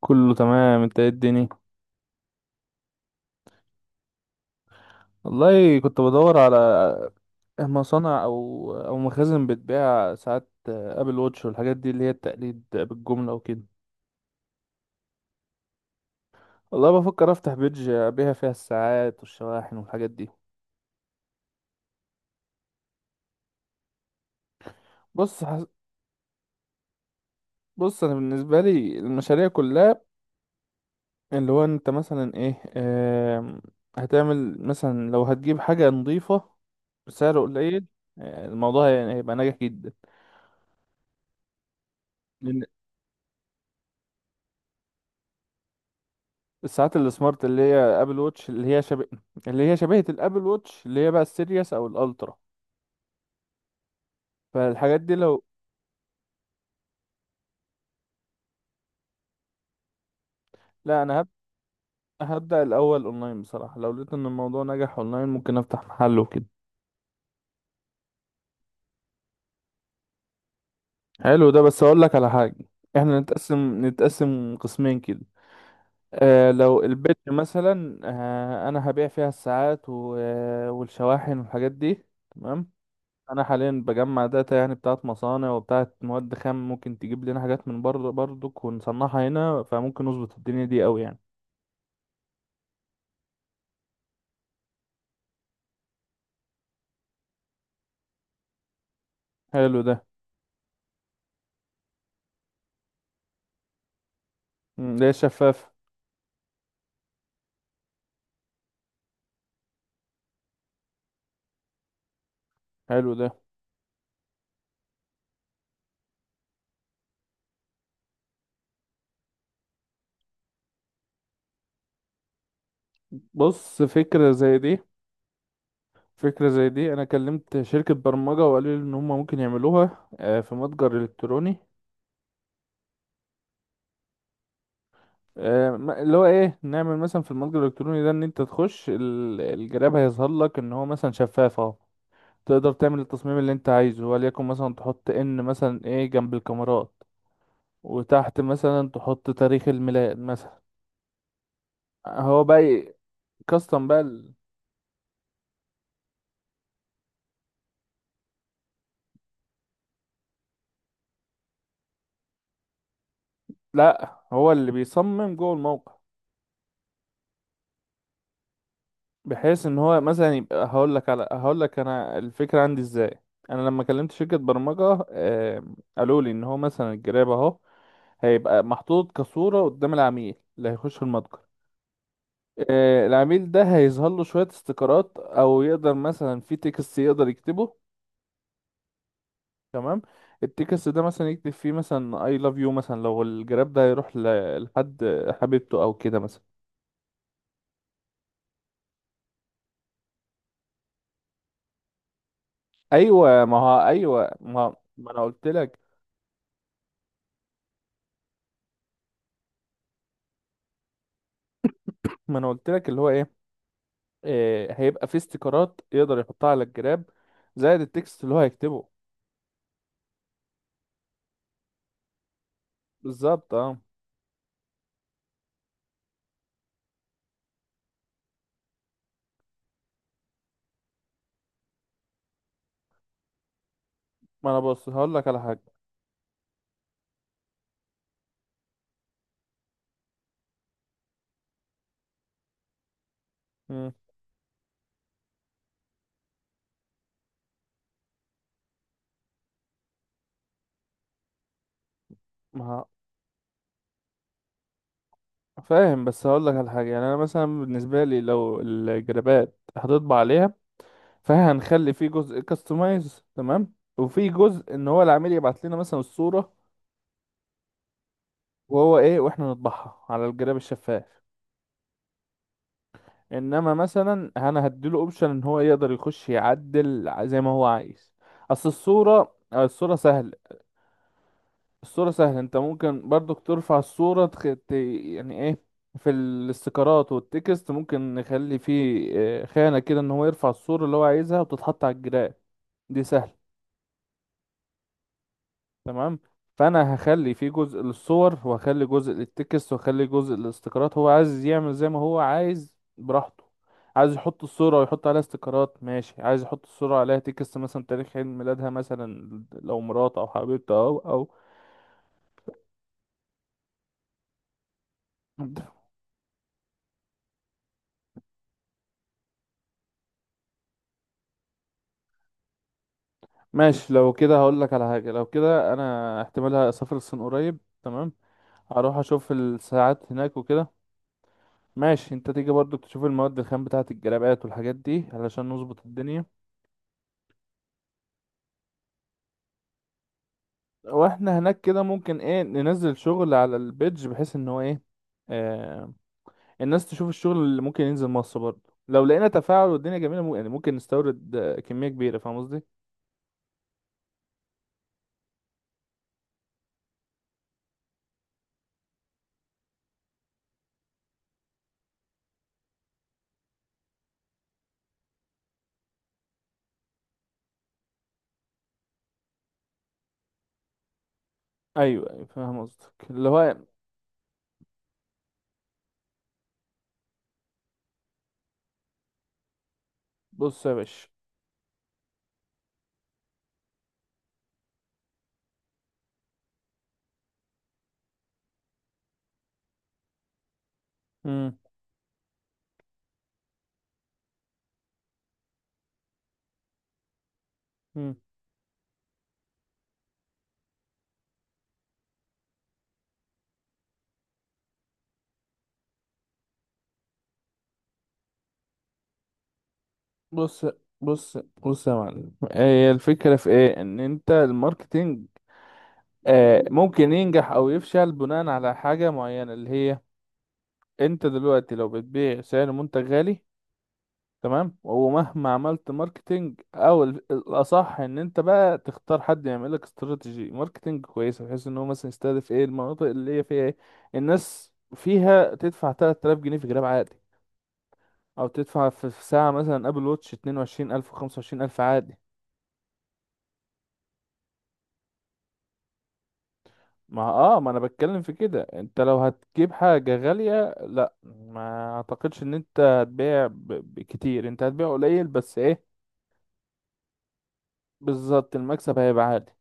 كله تمام. انت ايه الدنيا؟ والله كنت بدور على مصانع او مخازن بتبيع ساعات ابل واتش والحاجات دي اللي هي التقليد بالجمله وكده. والله بفكر افتح بيدج ابيع فيها الساعات والشواحن والحاجات دي. بص حس... بص انا بالنسبه لي المشاريع كلها اللي هو انت مثلا ايه، هتعمل مثلا لو هتجيب حاجه نظيفه بسعر قليل. الموضوع هيبقى ناجح جدا. الساعات السمارت اللي هي ابل ووتش، اللي هي شبه، اللي هي شبيهة الابل ووتش اللي هي بقى السيريس او الالترا، فالحاجات دي لو. لا، هبدأ الاول اونلاين بصراحة، لو لقيت ان الموضوع نجح اونلاين ممكن افتح محل وكده. حلو ده، بس اقول لك على حاجة. احنا نتقسم قسمين كده. آه، لو البيت مثلا، آه انا هبيع فيها الساعات و... آه، والشواحن والحاجات دي. تمام. انا حاليا بجمع داتا يعني بتاعت مصانع وبتاعت مواد خام، ممكن تجيب لنا حاجات من بره برضك ونصنعها هنا، فممكن نظبط الدنيا دي قوي يعني. حلو ده. ده شفاف. حلو ده. بص، فكرة زي دي، فكرة زي دي انا كلمت شركة برمجة وقالوا لي ان هم ممكن يعملوها، في متجر الكتروني. اللي هو ايه، نعمل مثلا في المتجر الالكتروني ده ان انت تخش الجراب هيظهر لك ان هو مثلا شفاف اهو. تقدر تعمل التصميم اللي انت عايزه، وليكن مثلا تحط ان مثلا ايه جنب الكاميرات، وتحت مثلا تحط تاريخ الميلاد مثلا. هو بقى كاستم بقى لا، هو اللي بيصمم جوه الموقع، بحيث ان هو مثلا يبقى، هقول لك انا الفكره عندي ازاي. انا لما كلمت شركه برمجه، قالوا لي ان هو مثلا الجراب اهو هيبقى محطوط كصوره قدام العميل اللي هيخش المتجر. العميل ده هيظهر له شويه استيكرات، او يقدر مثلا في تكست يقدر يكتبه. تمام. التكست ده مثلا يكتب فيه مثلا I love you مثلا، لو الجراب ده هيروح لحد حبيبته او كده مثلا. ايوه، ما هو ايوه، ما انا قلت لك. ما انا قلت لك اللي هو ايه، هيبقى فيه استيكرات يقدر يحطها على الجراب زائد التكست اللي هو هيكتبه. بالظبط، اه. ما انا بص هقول لك على حاجه. مم. ما فاهم، بس هقول لك على حاجه يعني. انا مثلا بالنسبه لي لو الجرابات هتطبع عليها، فهنخلي فيه جزء كاستمايز، تمام، وفي جزء ان هو العميل يبعت لنا مثلا الصورة وهو ايه، واحنا نطبعها على الجراب الشفاف. انما مثلا انا هديله اوبشن ان هو يقدر يخش يعدل زي ما هو عايز. اصل الصورة، الصورة سهلة. الصورة سهلة، انت ممكن برضك ترفع الصورة يعني ايه، في الاستيكرات والتكست ممكن نخلي فيه خانة كده ان هو يرفع الصورة اللي هو عايزها وتتحط على الجراب. دي سهلة. تمام. فانا هخلي في جزء للصور، وهخلي جزء للتكست، وهخلي جزء للاستيكرات. هو عايز يعمل زي ما هو عايز براحته. عايز يحط الصورة ويحط عليها استيكرات، ماشي. عايز يحط الصورة عليها تكست، مثلا تاريخ عيد ميلادها مثلا، لو مرات او حبيبته او. ماشي. لو كده هقول لك على حاجة، لو كده انا احتمال اسافر الصين قريب، تمام. هروح اشوف الساعات هناك وكده. ماشي، انت تيجي برضو تشوف المواد الخام بتاعة الجلابات والحاجات دي، علشان نظبط الدنيا. واحنا هناك كده ممكن ايه، ننزل شغل على البيدج بحيث ان هو ايه، آه، الناس تشوف الشغل اللي ممكن ينزل مصر برضه. لو لقينا تفاعل والدنيا جميلة، ممكن يعني ممكن نستورد، كمية كبيرة. فاهم قصدي؟ ايوه، فاهم قصدك اللي هو. بص يا باشا. مم. مم. بص بص بص يا معلم، هي الفكرة في ايه، ان انت الماركتينج آه ممكن ينجح او يفشل بناء على حاجة معينة، اللي هي انت دلوقتي لو بتبيع سعر منتج غالي، تمام، ومهما عملت ماركتينج، او الاصح ان انت بقى تختار حد يعمل لك استراتيجي ماركتينج كويسه، بحيث ان هو مثلا يستهدف ايه المناطق اللي هي فيها ايه الناس فيها تدفع 3000 جنيه في جراب عادي، او تدفع في ساعه مثلا ابل واتش 22000، 25000 عادي. ما اه، ما انا بتكلم في كده. انت لو هتجيب حاجه غاليه، لا ما اعتقدش ان انت هتبيع بكتير، انت هتبيع قليل، بس ايه، بالظبط، المكسب هيبقى عالي.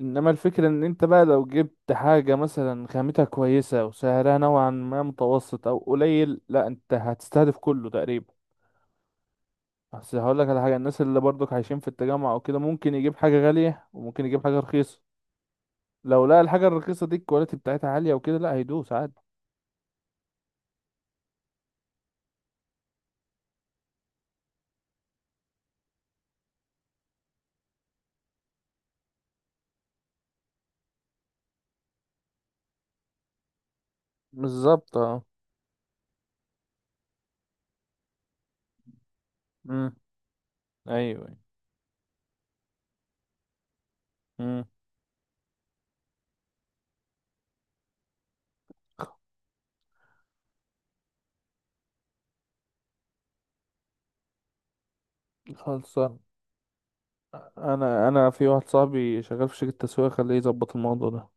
انما الفكرة ان انت بقى لو جبت حاجة مثلا خامتها كويسة وسعرها نوعا ما متوسط او قليل، لا انت هتستهدف كله تقريبا. بس هقولك على حاجة، الناس اللي برضك عايشين في التجمع او كده ممكن يجيب حاجة غالية وممكن يجيب حاجة رخيصة. لو لقى الحاجة الرخيصة دي الكواليتي بتاعتها عالية وكده، لا هيدوس عادي. بالظبط، اه. امم ايوه. امم خلصان. انا في واحد صاحبي شغال في شركة تسويق، خليه يظبط الموضوع ده.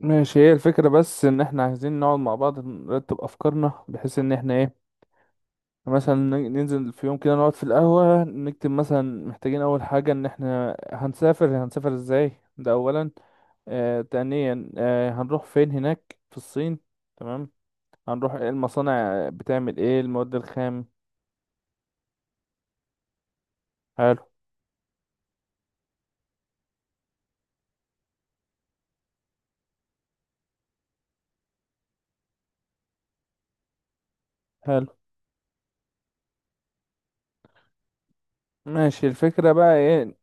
ماشي. هي الفكرة بس ان احنا عايزين نقعد مع بعض نرتب افكارنا، بحيث ان احنا ايه، مثلا ننزل في يوم كده، نقعد في القهوة نكتب مثلا محتاجين اول حاجة ان احنا هنسافر، هنسافر ازاي، ده اولا. آه، تانيا، آه هنروح فين هناك في الصين، تمام. هنروح ايه، المصانع بتعمل ايه، المواد الخام. حلو. حلو. ماشي، الفكرة بقى ايه.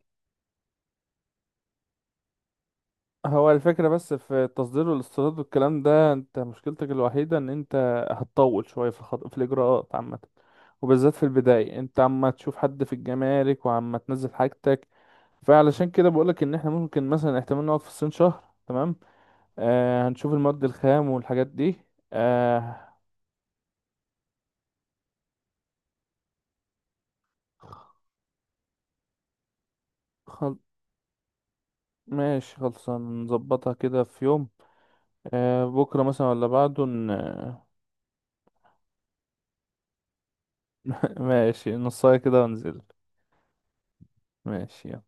هو الفكرة بس في التصدير والاستيراد والكلام ده، انت مشكلتك الوحيدة ان انت هتطول شوية في في الإجراءات عامة، وبالذات في البداية انت عما تشوف حد في الجمارك وعما تنزل حاجتك. فعلشان كده بقولك ان احنا ممكن مثلا احتمال نقعد في الصين شهر، تمام. آه، هنشوف المواد الخام والحاجات دي. آه. خل... ماشي، خلصان، نظبطها كده في يوم. آه، بكرة مثلا ولا بعده ماشي، نصاية كده ونزل. ماشي.